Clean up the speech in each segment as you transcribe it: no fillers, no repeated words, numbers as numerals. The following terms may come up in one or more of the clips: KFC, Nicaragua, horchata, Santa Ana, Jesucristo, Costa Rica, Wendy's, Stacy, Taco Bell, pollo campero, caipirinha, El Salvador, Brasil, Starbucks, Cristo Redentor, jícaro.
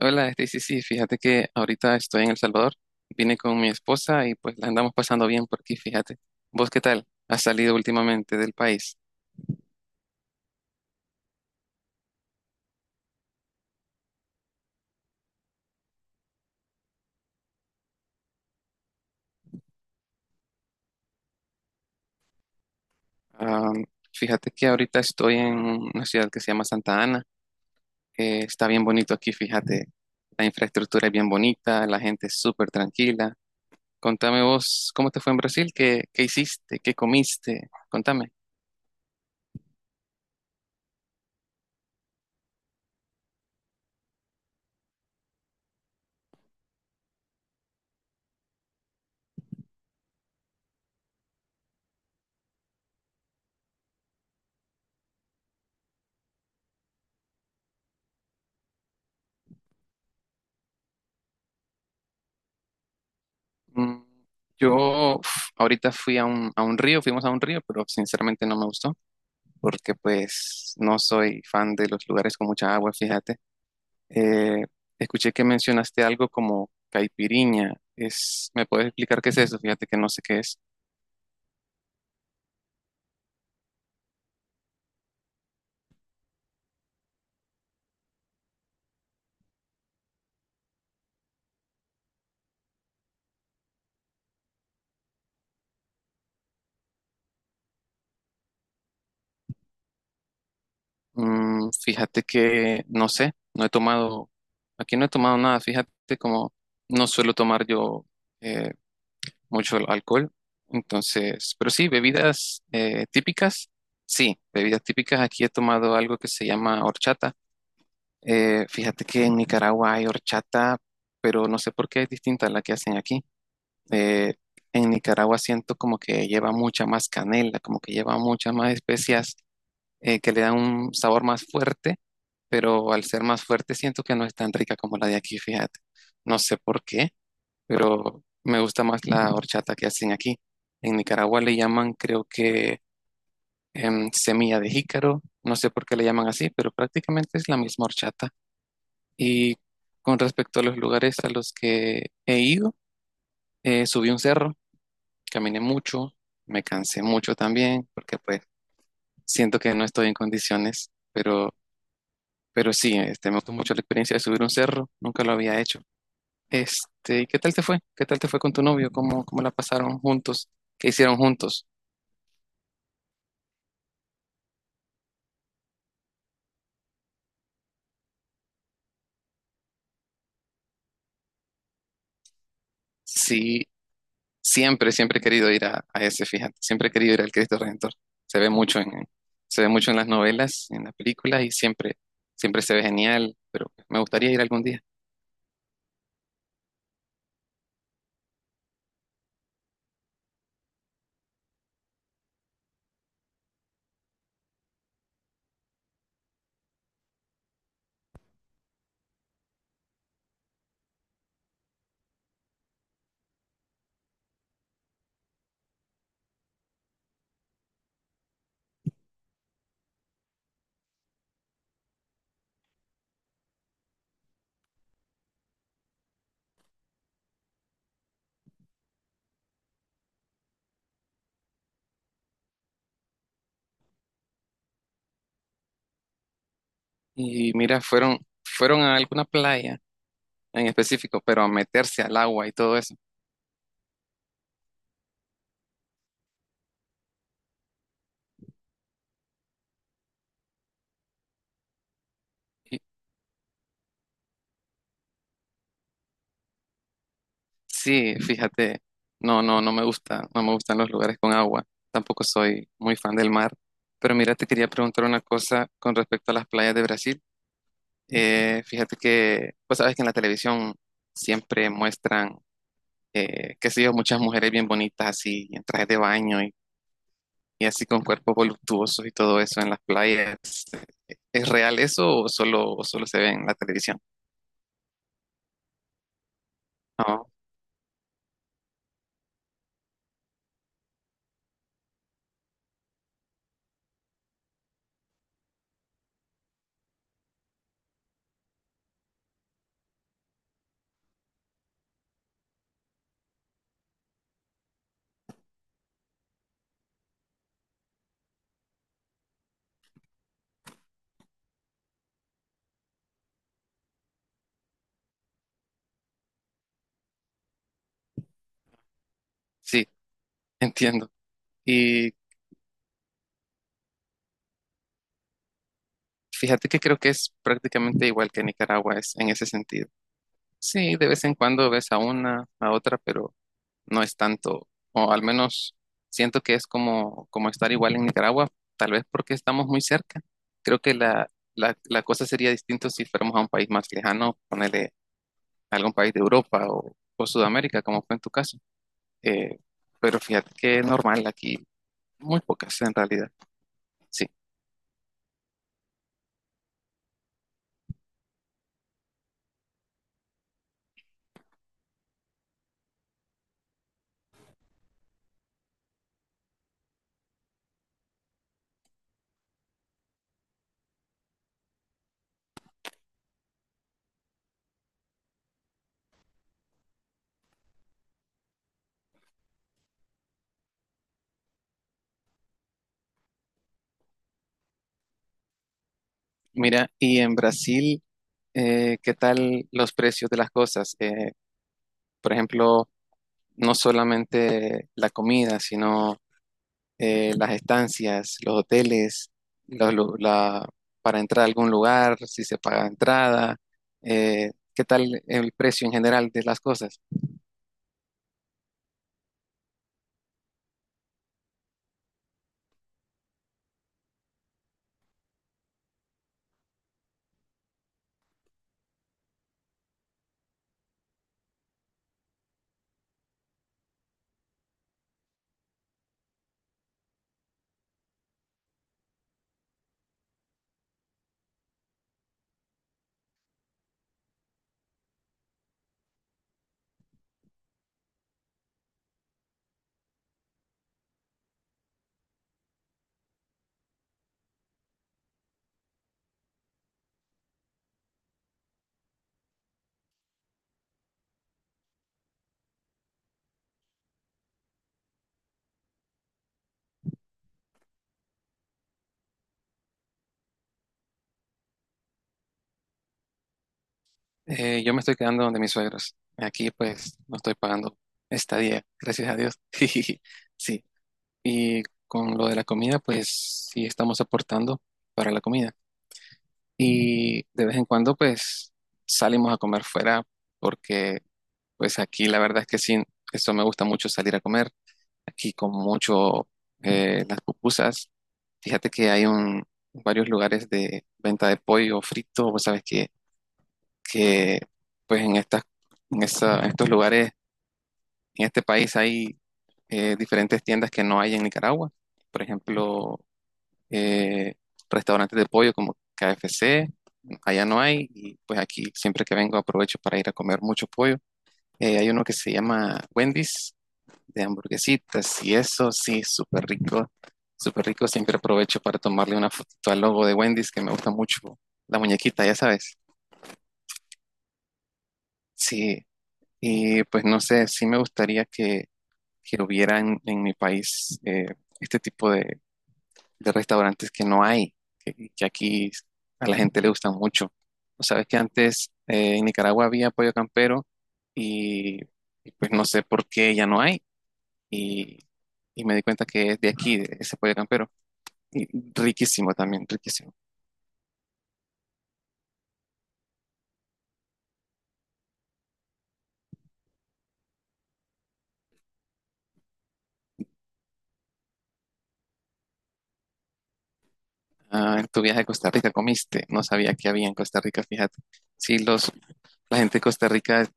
Hola, Stacy. Sí, fíjate que ahorita estoy en El Salvador. Vine con mi esposa y pues la andamos pasando bien por aquí, fíjate. ¿Vos qué tal? ¿Has salido últimamente del país? Ah, Fíjate que ahorita estoy en una ciudad que se llama Santa Ana. Está bien bonito aquí, fíjate. La infraestructura es bien bonita, la gente es súper tranquila. Contame vos, ¿cómo te fue en Brasil? ¿Qué hiciste? ¿Qué comiste? Contame. Mm, yo uf, ahorita fui a un río, fuimos a un río, pero sinceramente no me gustó porque pues no soy fan de los lugares con mucha agua, fíjate. Eh, Escuché que mencionaste algo como caipirinha. Es, ¿me puedes explicar qué es eso? Fíjate que no sé qué es. Fíjate que no sé, no he tomado, aquí no he tomado nada, fíjate como no suelo tomar yo. eh, Mucho alcohol. Entonces, pero sí, bebidas típicas. Sí, bebidas típicas. Aquí he tomado algo que se llama horchata. Fíjate que en Nicaragua hay horchata, pero no sé por qué es distinta a la que hacen aquí. Eh, en Nicaragua siento como que lleva mucha más canela, como que lleva muchas más especias que le dan un sabor más fuerte, pero al ser más fuerte siento que no es tan rica como la de aquí, fíjate. No sé por qué pero me gusta más la horchata que hacen aquí. En Nicaragua le llaman, creo que semilla de jícaro, no sé por qué le llaman así, pero prácticamente es la misma horchata. Y con respecto a los lugares a los que he ido, subí un cerro, caminé mucho, me cansé mucho también, porque pues siento que no estoy en condiciones, pero sí, este, me gustó mucho la experiencia de subir un cerro, nunca lo había hecho. Este, ¿y qué tal te fue? ¿Qué tal te fue con tu novio? ¿Cómo la pasaron juntos? ¿Qué hicieron juntos? Sí, siempre, siempre he querido ir a ese, fíjate, siempre he querido ir al Cristo Redentor. Se ve mucho en, se ve mucho en las novelas, en las películas y siempre, siempre se ve genial, pero me gustaría ir algún día. Y mira, fueron, fueron a alguna playa en específico, pero a meterse al agua y todo eso. Y sí, fíjate, no, no me gusta, no me gustan los lugares con agua. Tampoco soy muy fan del mar. Pero mira, te quería preguntar una cosa con respecto a las playas de Brasil. Fíjate que, pues sabes que en la televisión siempre muestran, qué sé yo, muchas mujeres bien bonitas así, en trajes de baño y así con cuerpos voluptuosos y todo eso en las playas. ¿Es real eso o o solo se ve en la televisión? No, sí, entiendo. Y fíjate que creo que es prácticamente igual que Nicaragua es en ese sentido. Sí, de vez en cuando ves a una, a otra, pero no es tanto, o al menos siento que es como, como estar igual en Nicaragua, tal vez porque estamos muy cerca. Creo que la cosa sería distinta si fuéramos a un país más lejano, ponerle algún país de Europa o Sudamérica, como fue en tu caso. Eh, pero fíjate que es normal aquí, muy pocas en realidad. Sí, mira, y en Brasil, ¿qué tal los precios de las cosas? Por ejemplo, no solamente la comida, sino las estancias, los hoteles, los lu- la- para entrar a algún lugar, si se paga entrada, qué tal el precio en general de las cosas. Yo me estoy quedando donde mis suegros. Aquí pues no estoy pagando estadía, gracias a Dios. Sí, y con lo de la comida pues sí estamos aportando para la comida. Y de vez en cuando pues salimos a comer fuera porque pues aquí la verdad es que sí, eso me gusta mucho salir a comer aquí como mucho las pupusas. Fíjate que varios lugares de venta de pollo frito. Vos sabes que pues en estos lugares, en este país hay diferentes tiendas que no hay en Nicaragua. Por ejemplo, eh, restaurantes de pollo como KFC, allá no hay. Y pues aquí siempre que vengo aprovecho para ir a comer mucho pollo. Hay uno que se llama Wendy's, de hamburguesitas y eso, sí, súper rico, súper rico. Siempre aprovecho para tomarle una fotito al logo de Wendy's, que me gusta mucho, la muñequita, ya sabes. Sí, y pues no sé, sí me gustaría que hubiera en mi país este tipo de restaurantes que no hay, que aquí a la gente le gustan mucho. O sabes que antes en Nicaragua había pollo campero y, y pues no sé por qué ya no hay. Y, y me di cuenta que es de aquí, de ese pollo campero. Y riquísimo también, riquísimo. Ah, en tu viaje a Costa Rica comiste, no sabía que había en Costa Rica, fíjate. Sí, los, la gente de Costa Rica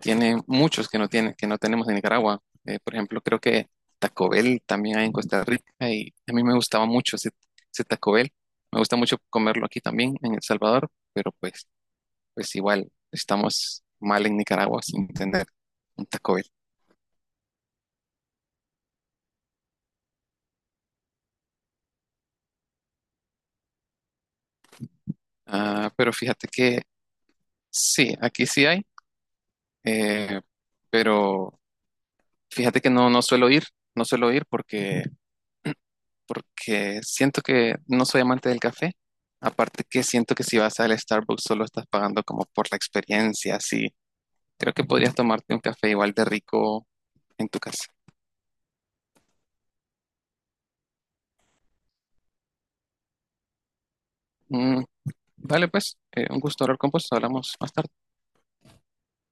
tiene muchos que no tienen que no tenemos en Nicaragua. Por ejemplo, creo que Taco Bell también hay en Costa Rica y a mí me gustaba mucho ese, ese Taco Bell. Me gusta mucho comerlo aquí también, en El Salvador, pero pues, pues igual estamos mal en Nicaragua sin tener un Taco Bell. Ah, pero fíjate que sí, aquí sí hay, eh, pero fíjate que no, no suelo ir, no suelo ir porque, porque siento que no soy amante del café. Aparte que siento que si vas al Starbucks solo estás pagando como por la experiencia, así. Creo que podrías tomarte un café igual de rico en tu casa. Mm, vale, pues, un gusto hablar con vos. Hablamos más tarde.